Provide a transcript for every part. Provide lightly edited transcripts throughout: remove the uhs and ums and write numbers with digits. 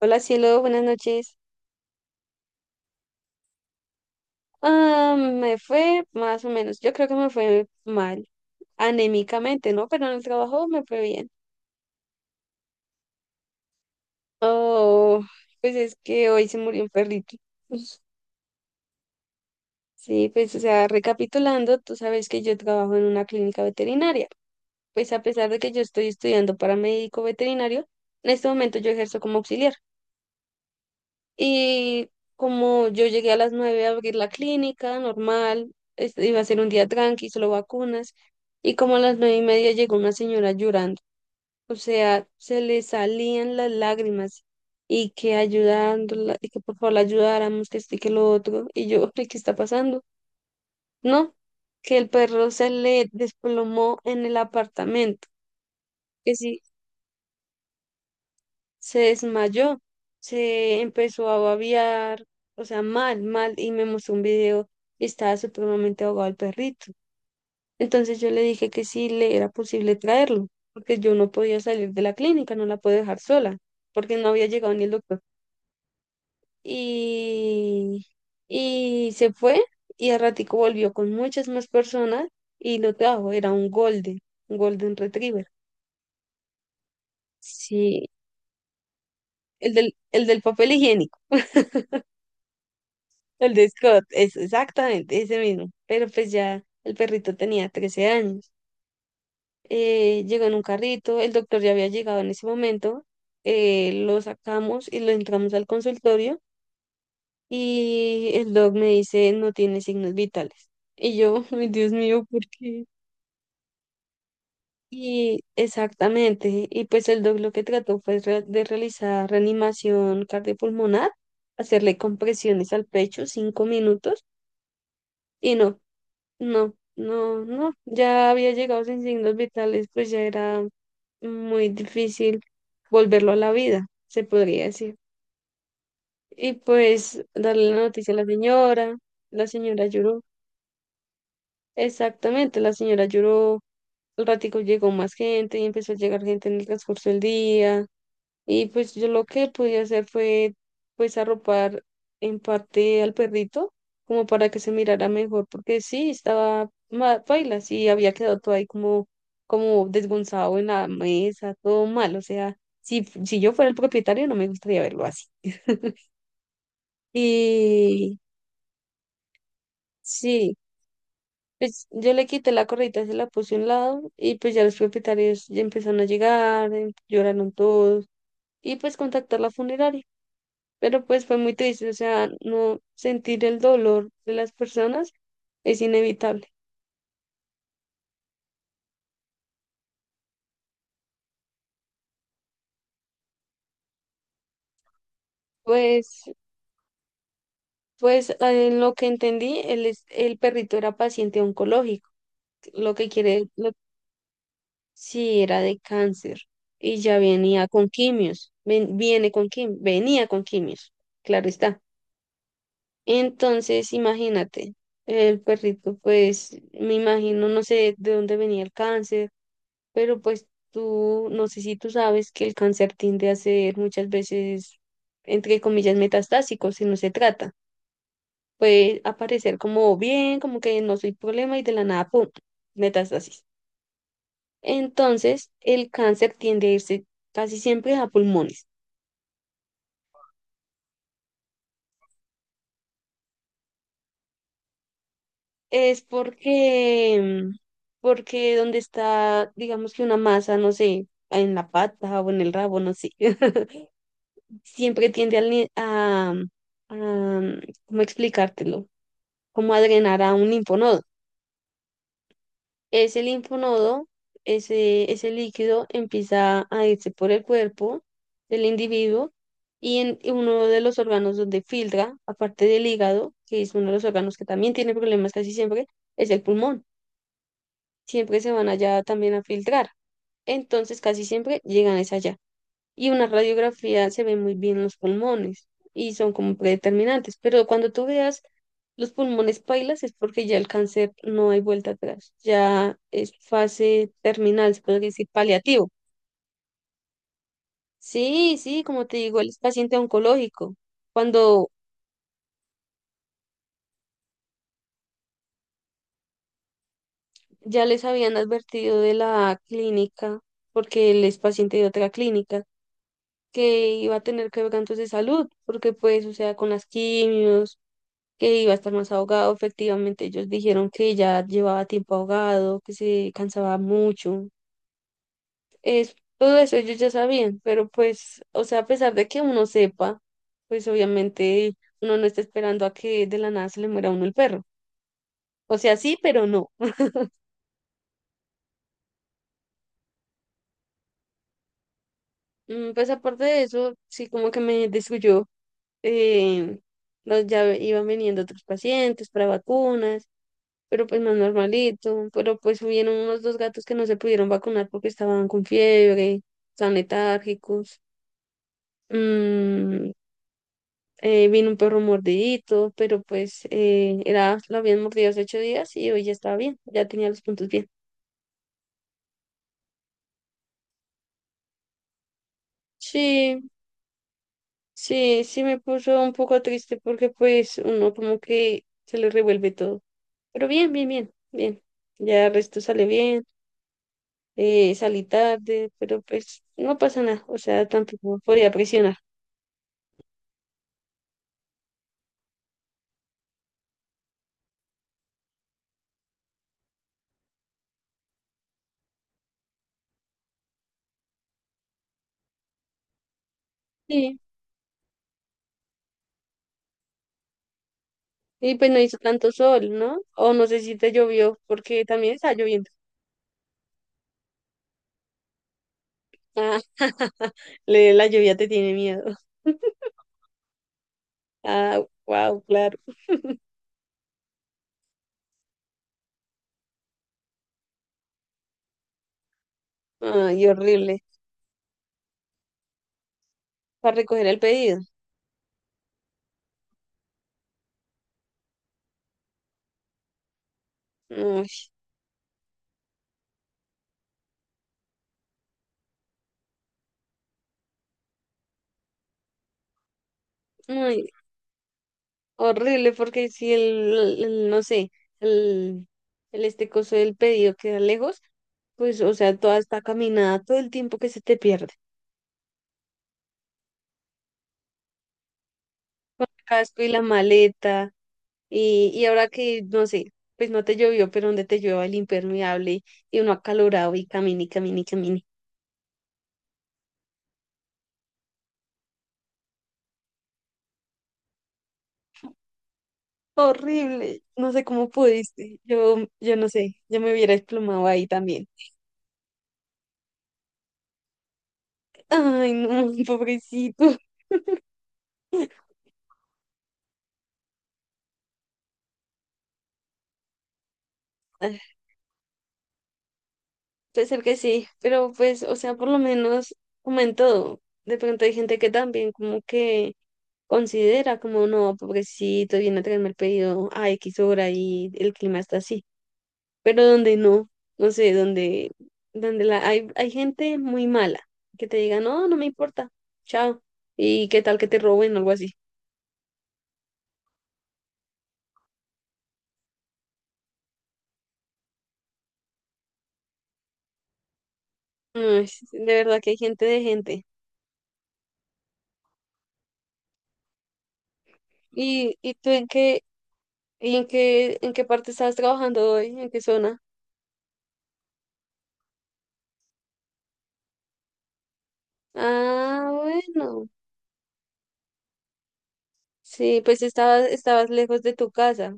Hola cielo, buenas noches. Ah, me fue más o menos. Yo creo que me fue mal, anémicamente, ¿no? Pero en el trabajo me fue bien. Oh, pues es que hoy se murió un perrito. Sí, pues o sea, recapitulando, tú sabes que yo trabajo en una clínica veterinaria. Pues a pesar de que yo estoy estudiando para médico veterinario, en este momento yo ejerzo como auxiliar. Y como yo llegué a las 9 a abrir la clínica, normal, iba a ser un día tranqui, solo vacunas. Y como a las 9:30 llegó una señora llorando, o sea, se le salían las lágrimas y que ayudándola, y que por favor la ayudáramos, que este, que lo otro, y yo, "Ay, ¿qué está pasando? No, que el perro se le desplomó en el apartamento, que sí se desmayó, se empezó a babear, o sea, mal, mal, y me mostró un video y estaba supremamente ahogado el perrito." Entonces yo le dije que sí le era posible traerlo, porque yo no podía salir de la clínica, no la puedo dejar sola, porque no había llegado ni el doctor. Y, y se fue y al ratico volvió con muchas más personas y lo trajo. Era un golden retriever. Sí, el del papel higiénico. El de Scott, es exactamente ese mismo. Pero pues ya el perrito tenía 13 años. Llegó en un carrito, el doctor ya había llegado en ese momento. Lo sacamos y lo entramos al consultorio. Y el doc me dice, no tiene signos vitales. Y yo, ay Dios mío, ¿por qué? Y exactamente. Y pues el doc lo que trató fue de realizar reanimación cardiopulmonar, hacerle compresiones al pecho 5 minutos. Y no, no, no, no. Ya había llegado sin signos vitales, pues ya era muy difícil volverlo a la vida, se podría decir. Y pues darle la noticia a la señora lloró. Exactamente, la señora lloró. Al ratico llegó más gente y empezó a llegar gente en el transcurso del día. Y pues yo lo que pude hacer fue pues arropar en parte al perrito como para que se mirara mejor, porque sí, estaba mal, paila, sí, había quedado todo ahí como desgonzado en la mesa, todo mal, o sea, si, si yo fuera el propietario no me gustaría verlo así. Y sí, pues yo le quité la correita, se la puse a un lado y pues ya los propietarios ya empezaron a llegar, lloraron todos y pues contactar la funeraria. Pero pues fue muy triste, o sea, no sentir el dolor de las personas es inevitable. Pues, pues, ah, en lo que entendí, el perrito era paciente oncológico, lo que quiere, lo, sí, era de cáncer y ya venía con quimios, venía con quimios, claro está. Entonces, imagínate, el perrito, pues me imagino, no sé de dónde venía el cáncer, pero pues tú, no sé si tú sabes que el cáncer tiende a ser muchas veces, entre comillas, metastásico, si no se trata. Puede aparecer como bien, como que no soy problema y de la nada, ¡pum!, metástasis. Entonces, el cáncer tiende a irse casi siempre a pulmones. Es mm, porque donde está, digamos que una masa, no sé, en la pata o en el rabo, no sé, siempre tiende al ni- a, mm, ¿cómo explicártelo? Como a drenar a un linfonodo. Ese linfonodo, ese líquido empieza a irse por el cuerpo del individuo, y uno de los órganos donde filtra, aparte del hígado, que es uno de los órganos que también tiene problemas casi siempre, es el pulmón. Siempre se van allá también a filtrar. Entonces casi siempre llegan es allá. Y una radiografía se ve muy bien los pulmones y son como predeterminantes, pero cuando tú veas los pulmones pailas es porque ya el cáncer no hay vuelta atrás, ya es fase terminal, se puede decir paliativo. Sí, sí, como te digo, él es paciente oncológico. Cuando ya les habían advertido de la clínica, porque él es paciente de otra clínica, que iba a tener quebrantos de salud, porque pues, o sea, con las quimios, que iba a estar más ahogado. Efectivamente, ellos dijeron que ya llevaba tiempo ahogado, que se cansaba mucho. Es, todo eso ellos ya sabían, pero pues, o sea, a pesar de que uno sepa, pues obviamente uno no está esperando a que de la nada se le muera a uno el perro. O sea, sí, pero no. Pues aparte de eso, sí como que me destruyó. Eh, ya iban viniendo otros pacientes para vacunas, pero pues más normalito. Pero pues hubieron unos dos gatos que no se pudieron vacunar porque estaban con fiebre, estaban letárgicos. Mm, Vino un perro mordidito, pero pues lo habían mordido hace 8 días y hoy ya estaba bien, ya tenía los puntos bien. Sí, sí, sí me puso un poco triste porque pues uno como que se le revuelve todo. Pero bien, bien, bien, bien. Ya el resto sale bien, salí tarde, pero pues no pasa nada, o sea, tampoco podía presionar. Sí, y pues no hizo tanto sol, ¿no? O no sé si te llovió, porque también está lloviendo. Ah, la lluvia te tiene miedo. Ah, wow, claro. Ay, horrible. Para recoger el pedido. Uy, uy, horrible, porque si no sé, el, el este coso del pedido queda lejos, pues, o sea, toda esta caminada, todo el tiempo que se te pierde. Con el casco y la maleta. Y ahora que, no sé, pues no te llovió, pero donde te llueva el impermeable y uno acalorado y camine y camine y camine. Horrible, no sé cómo pudiste. Yo no sé, yo me hubiera desplomado ahí también. Ay, no, pobrecito. Ah, puede ser que sí, pero pues, o sea, por lo menos, como en todo, de pronto hay gente que también como que considera como, no, pobrecito, viene a traerme el pedido a X hora y el clima está así. Pero donde no, no sé, donde hay gente muy mala que te diga, no, no me importa, chao, y qué tal que te roben o algo así. Ay, de verdad que hay gente de gente. ¿Y tú en qué parte estabas trabajando hoy? ¿En qué zona? Ah, bueno, sí, pues estabas lejos de tu casa,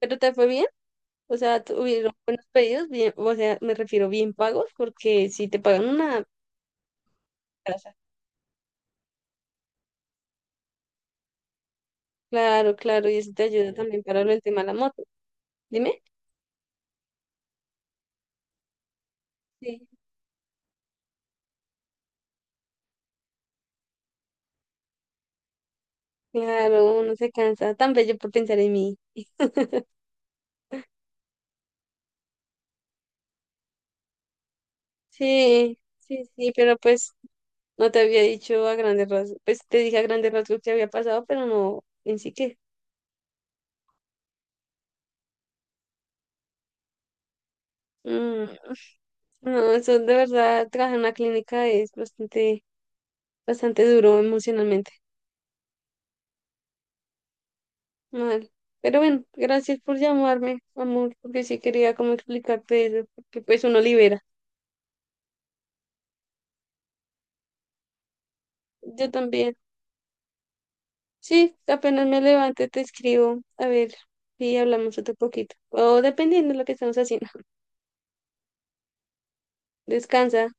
pero te fue bien. O sea, tuvieron buenos pedidos, bien, o sea, me refiero bien pagos, porque si te pagan una casa. Claro, claro, y eso te ayuda también para lo del tema de la moto. Dime. Sí. Claro, uno se cansa. Tan bello por pensar en mí. Sí, sí, sí, pero pues no te había dicho a grandes rasgos. Pues te dije a grandes rasgos que había pasado, pero no en sí que. Mm, no, eso de verdad, trabajar en una clínica es bastante, bastante duro emocionalmente. Mal. Pero bueno, gracias por llamarme, amor, porque sí quería como explicarte eso, porque pues uno libera. Yo también. Sí, apenas me levante te escribo. A ver si hablamos otro poquito. O dependiendo de lo que estamos haciendo. Descansa.